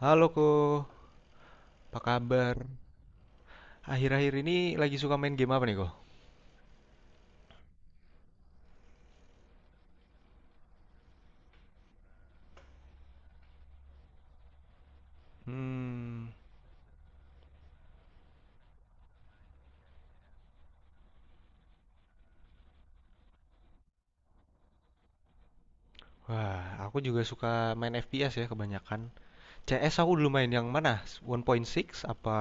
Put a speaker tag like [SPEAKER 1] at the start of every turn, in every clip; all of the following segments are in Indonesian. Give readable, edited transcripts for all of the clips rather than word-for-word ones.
[SPEAKER 1] Halo Ko, apa kabar? Akhir-akhir ini lagi suka main game apa nih Ko? Hmm, wah, aku juga suka main FPS ya kebanyakan. CS aku dulu main yang mana? 1.6 apa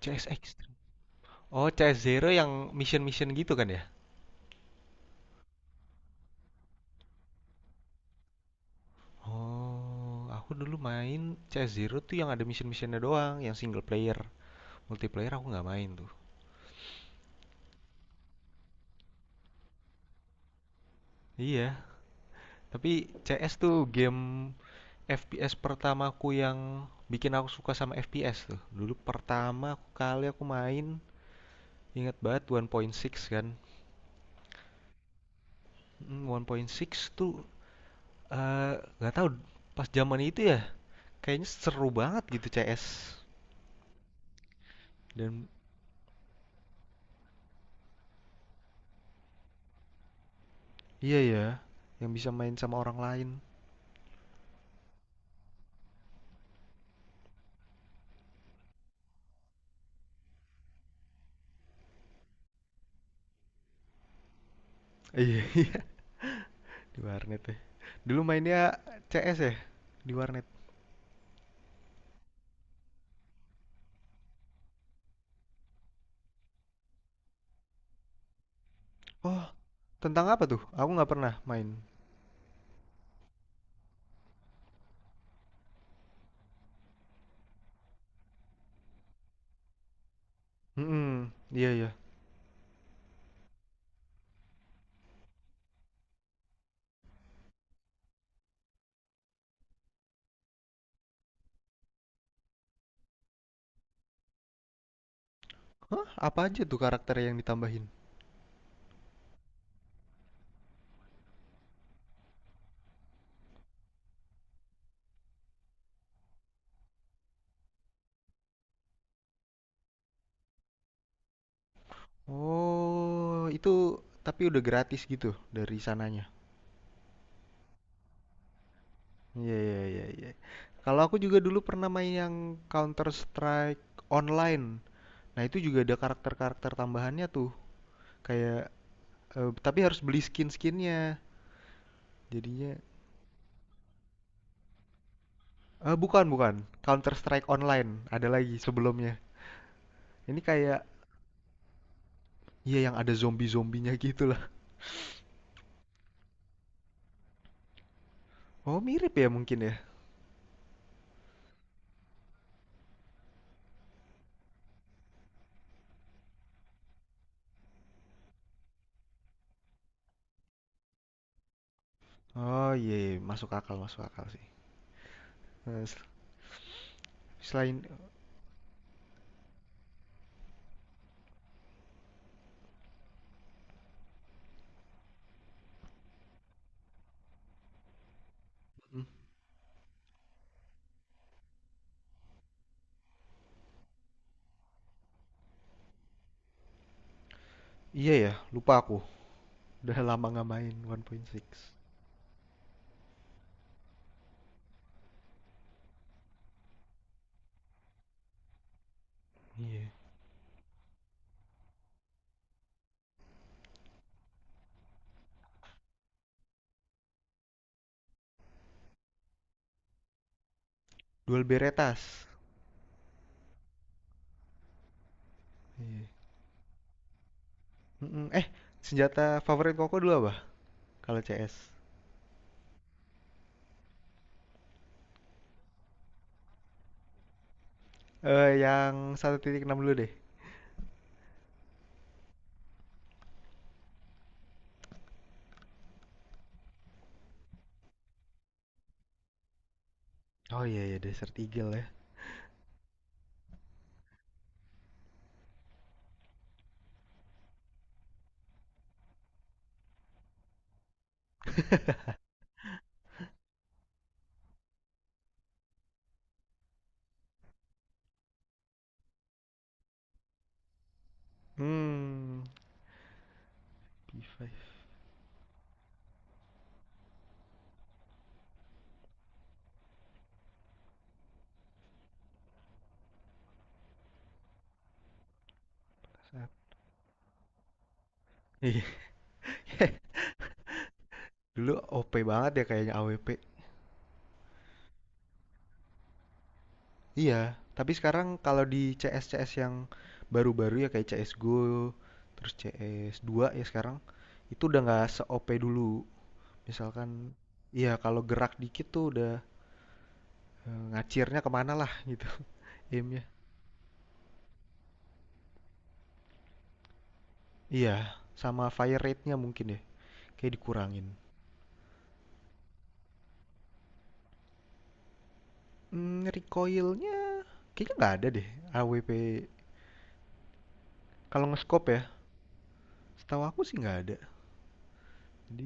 [SPEAKER 1] CS Extreme? Oh, CS Zero yang mission-mission gitu kan ya? Oh, aku dulu main CS Zero tuh yang ada mission-missionnya doang, yang single player. Multiplayer aku nggak main tuh. Iya, tapi CS tuh game FPS pertamaku yang bikin aku suka sama FPS tuh. Dulu pertama kali aku main, ingat banget 1.6 kan. 1.6 tuh eh, nggak tahu pas zaman itu ya, kayaknya seru banget gitu CS. Dan iya ya, yang bisa main sama orang lain. Iya, iya di warnet ya. Dulu mainnya CS ya di warnet. Oh, tentang apa tuh? Aku nggak pernah main. Hmm, iya ya. Hah, apa aja tuh karakter yang ditambahin? Oh, itu tapi udah gratis gitu dari sananya? Iya, iya, iya, iya. Kalau aku juga dulu pernah main yang Counter Strike online. Nah, itu juga ada karakter-karakter tambahannya tuh. Kayak tapi harus beli skin-skinnya. Jadinya eh bukan, bukan. Counter Strike online ada lagi sebelumnya. Ini kayak, iya, yang ada zombie-zombinya gitu lah. Oh, mirip ya mungkin ya. Oh, iya, iya. Masuk akal sih. Eh, s- selain. Mm, Iya ya, lupa aku. Udah lama nggak main 1.6. Iya. Duel Beretas. Iya. Mm-mm. Senjata favorit Koko dulu apa? Kalau CS. Yang 1.6 dulu deh. Oh, iya, iya, Desert Eagle ya. Hmm, P5. Sap- Iya. Dulu OP banget ya kayaknya AWP. Iya, tapi sekarang kalau di CS CS yang baru-baru ya kayak CS:GO, terus cs dua ya sekarang itu udah nggak se-OP dulu. Misalkan, iya, kalau gerak dikit tuh udah ngacirnya kemana lah gitu aimnya. Iya, sama fire rate-nya mungkin ya, kayak dikurangin. Hmm, recoil-nya kayaknya nggak ada deh AWP. Kalau nge-scope ya, setahu aku sih nggak ada. Jadi,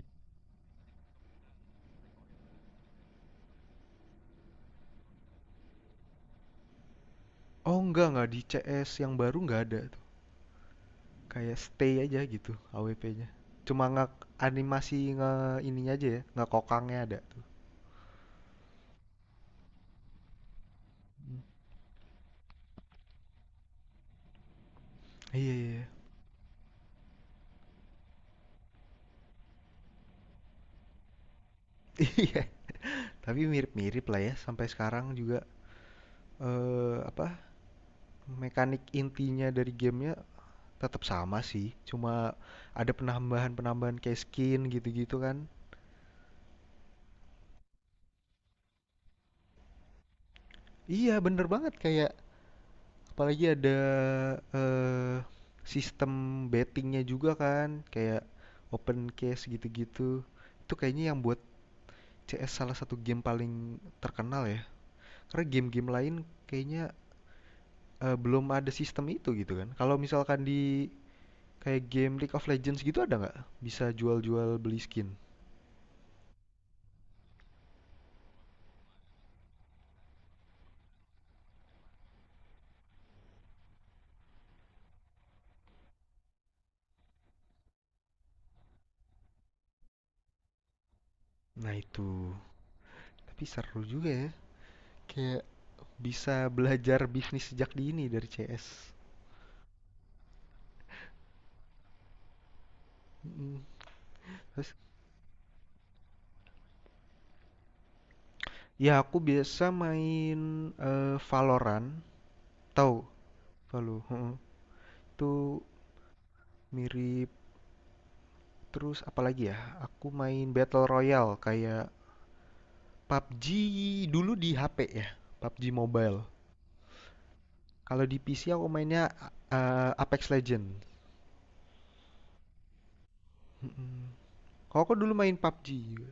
[SPEAKER 1] oh, nggak di CS yang baru nggak ada tuh. Kayak stay aja gitu AWP-nya. Cuma nggak animasi nge ininya aja ya, nggak kokangnya ada tuh. Iya, iya. Iya, tapi mirip-mirip lah ya sampai sekarang juga apa mekanik intinya dari gamenya tetap sama sih, cuma ada penambahan-penambahan kayak skin gitu-gitu kan. Iya, bener banget kayak apalagi ada eh, sistem bettingnya juga kan, kayak open case gitu-gitu. Itu kayaknya yang buat CS salah satu game paling terkenal ya. Karena game-game lain kayaknya belum ada sistem itu gitu kan. Kalau misalkan di kayak game League of Legends gitu ada nggak? Bisa jual-jual beli skin. Nah itu. Tapi seru juga ya. Kayak bisa belajar bisnis sejak dini dari CS. Mm. Terus ya aku biasa main Valorant. Tahu? Valo. Heeh. Itu mirip. Terus apalagi ya? Aku main Battle Royale kayak PUBG dulu di HP ya. PUBG Mobile. Kalau di PC aku mainnya Apex Legends. Mm-mm. Kalau aku dulu main PUBG juga.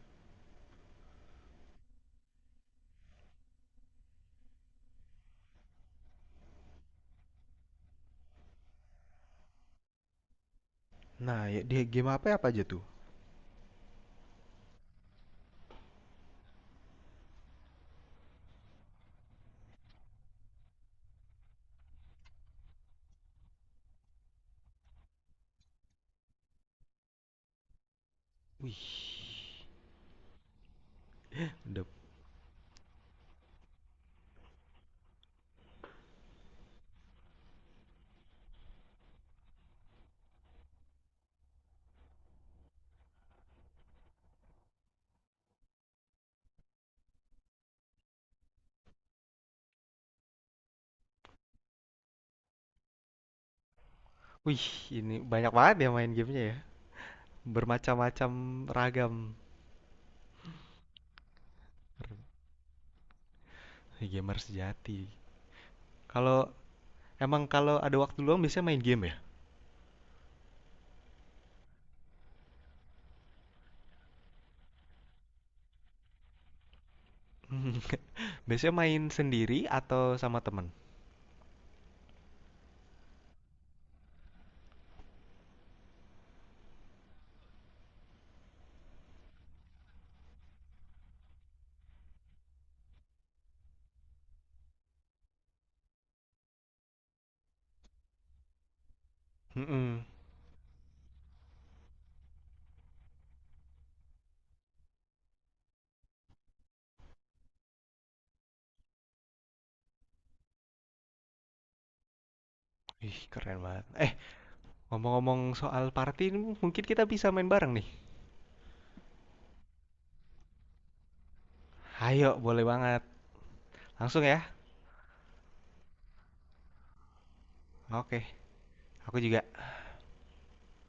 [SPEAKER 1] Nah, ya, di game apa apa aja tuh? Wih, udah. Wih, ini banyak banget ya main gamenya ya. Bermacam-macam ragam. Wih, gamer sejati. Kalau emang kalau ada waktu luang biasanya main game ya? Biasanya main sendiri atau sama temen? Mm-mm. Ih, keren banget. Ngomong-ngomong soal party, ini mungkin kita bisa main bareng nih. Ayo, boleh banget. Langsung ya. Oke, aku juga.